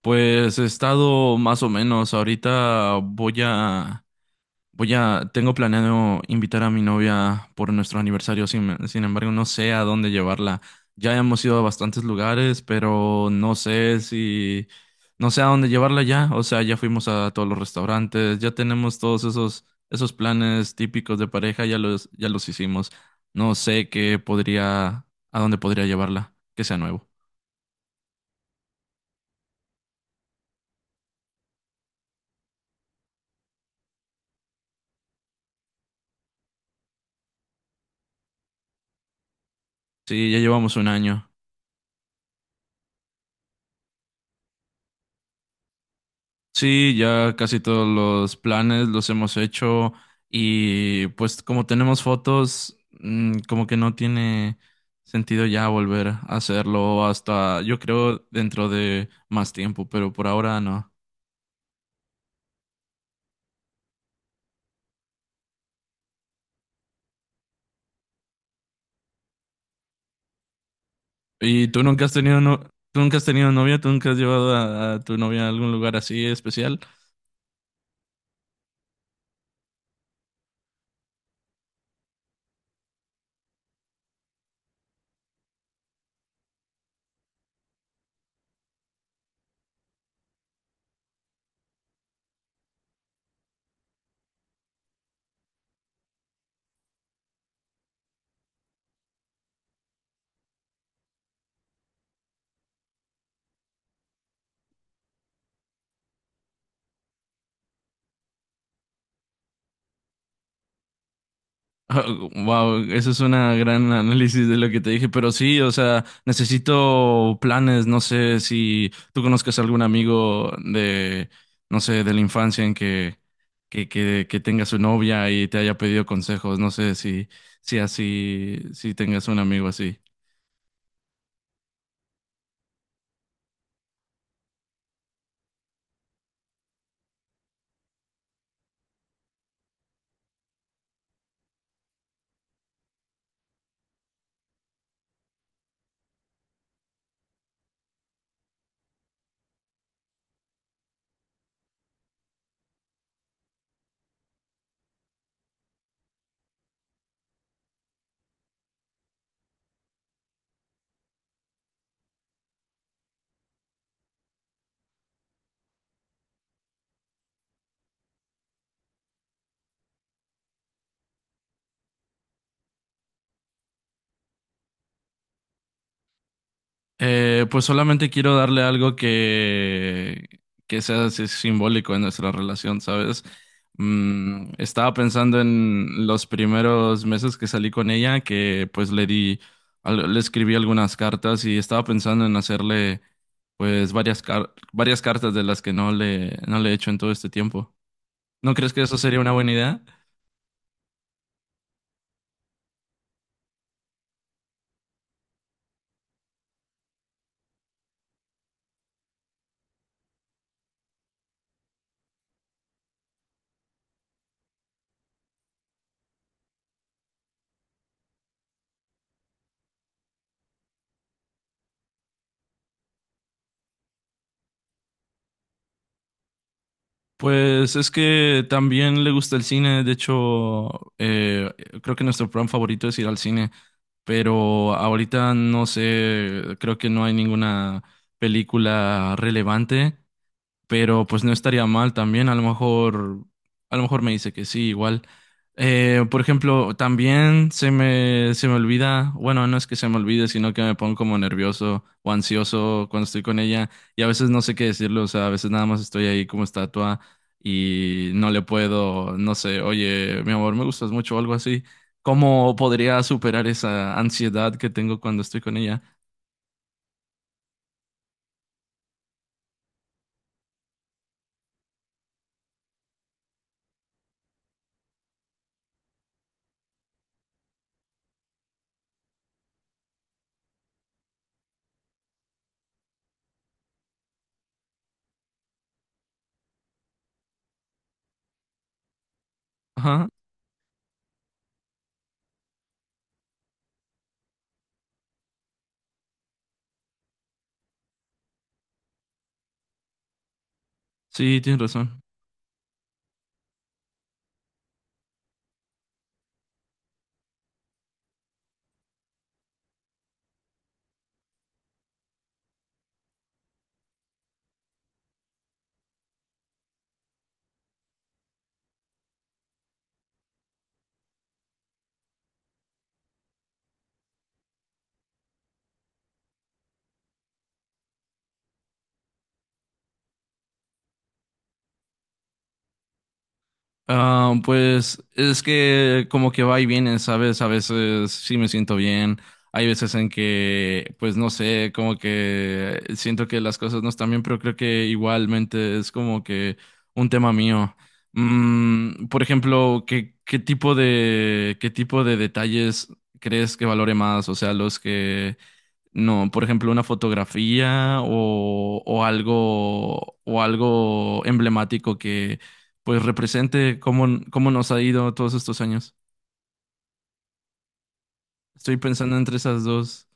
Pues he estado más o menos. Ahorita voy a, tengo planeado invitar a mi novia por nuestro aniversario. Sin embargo, no sé a dónde llevarla. Ya hemos ido a bastantes lugares, pero no sé a dónde llevarla ya. O sea, ya fuimos a todos los restaurantes, ya tenemos todos esos planes típicos de pareja, ya los hicimos. No sé qué podría, ¿A dónde podría llevarla, que sea nuevo? Sí, ya llevamos 1 año. Sí, ya casi todos los planes los hemos hecho y pues como tenemos fotos, como que no tiene sentido ya volver a hacerlo hasta, yo creo, dentro de más tiempo, pero por ahora no. ¿Y tú nunca has tenido no, tú nunca has tenido novia? ¿Tú nunca has llevado a tu novia a algún lugar así especial? Wow, eso es una gran análisis de lo que te dije, pero sí, o sea, necesito planes, no sé si tú conozcas algún amigo de, no sé, de la infancia en que tenga su novia y te haya pedido consejos, no sé si, si así, si tengas un amigo así. Pues solamente quiero darle algo que sea así simbólico en nuestra relación, ¿sabes? Estaba pensando en los primeros meses que salí con ella, que pues le di, le escribí algunas cartas y estaba pensando en hacerle pues varias cartas de las que no le he hecho en todo este tiempo. ¿No crees que eso sería una buena idea? Pues es que también le gusta el cine, de hecho, creo que nuestro plan favorito es ir al cine, pero ahorita no sé, creo que no hay ninguna película relevante, pero pues no estaría mal también, a lo mejor me dice que sí, igual. Por ejemplo, también se me olvida, bueno, no es que se me olvide, sino que me pongo como nervioso o ansioso cuando estoy con ella y a veces no sé qué decirle, o sea, a veces nada más estoy ahí como estatua y no le puedo, no sé, oye, mi amor, me gustas mucho o algo así. ¿Cómo podría superar esa ansiedad que tengo cuando estoy con ella? Ajá, sí, tienes razón. Ah, pues es que como que va y viene, ¿sabes? A veces sí me siento bien, hay veces en que, pues no sé, como que siento que las cosas no están bien, pero creo que igualmente es como que un tema mío. Por ejemplo, ¿qué tipo de detalles crees que valore más? O sea, los que no, por ejemplo, una fotografía o algo emblemático que pues represente cómo nos ha ido todos estos años. Estoy pensando entre esas dos.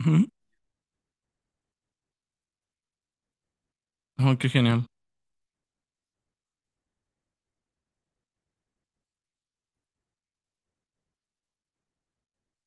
Ujú. Oh, qué genial.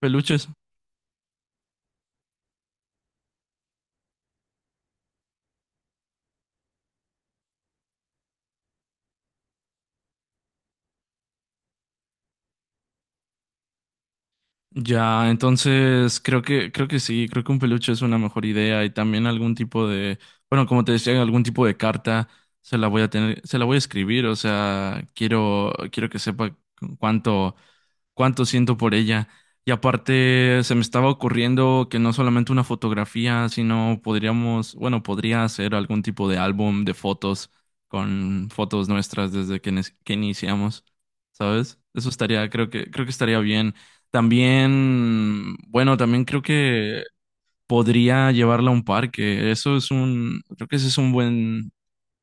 Peluches. Ya, entonces creo que sí, creo que un peluche es una mejor idea y también algún tipo de, bueno, como te decía, algún tipo de carta se la voy a escribir, o sea, quiero que sepa cuánto cuánto siento por ella. Y aparte, se me estaba ocurriendo que no solamente una fotografía, sino podríamos, bueno, podría hacer algún tipo de álbum de fotos con fotos nuestras desde que, que iniciamos, ¿sabes? Eso estaría, creo que estaría bien. También, bueno, también creo que podría llevarla a un parque. Creo que ese es un buen,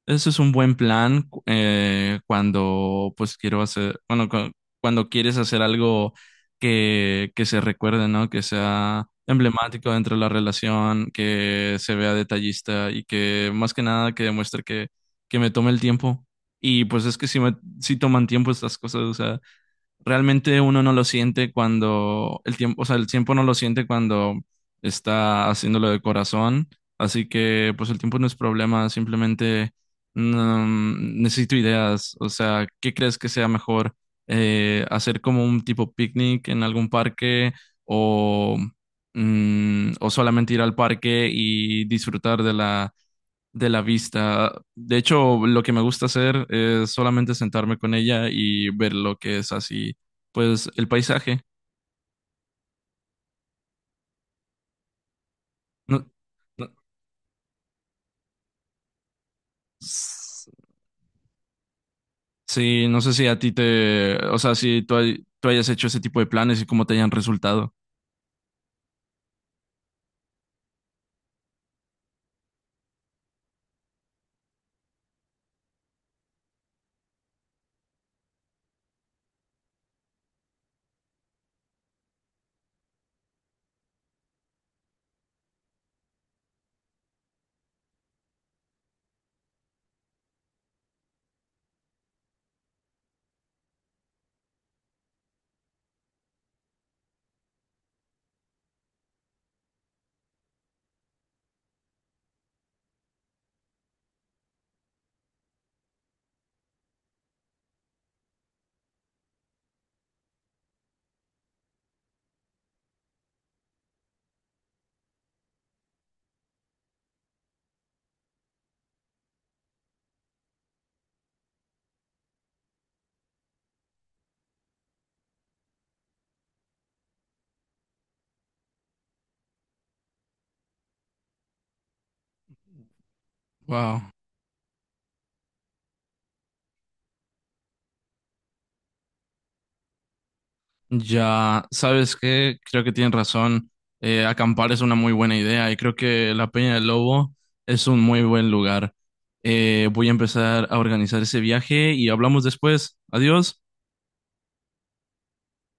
eso es un buen plan cuando pues quiero hacer, bueno, cuando quieres hacer algo que se recuerde, ¿no? Que sea emblemático dentro de la relación, que se vea detallista y que más que nada que demuestre que me tome el tiempo. Y pues es que si toman tiempo estas cosas, realmente uno no lo siente cuando el tiempo, o sea, el tiempo no lo siente cuando está haciéndolo de corazón, así que pues el tiempo no es problema, simplemente necesito ideas, o sea, ¿qué crees que sea mejor? Hacer como un tipo picnic en algún parque o, o solamente ir al parque y disfrutar de la vista. De hecho, lo que me gusta hacer es solamente sentarme con ella y ver lo que es así pues el paisaje. No, no- s- sí, no sé si a ti te, o sea, si tú, hay- tú hayas hecho ese tipo de planes y cómo te hayan resultado. Wow. Ya, ¿sabes qué? Creo que tienen razón. Acampar es una muy buena idea y creo que la Peña del Lobo es un muy buen lugar. Voy a empezar a organizar ese viaje y hablamos después. Adiós.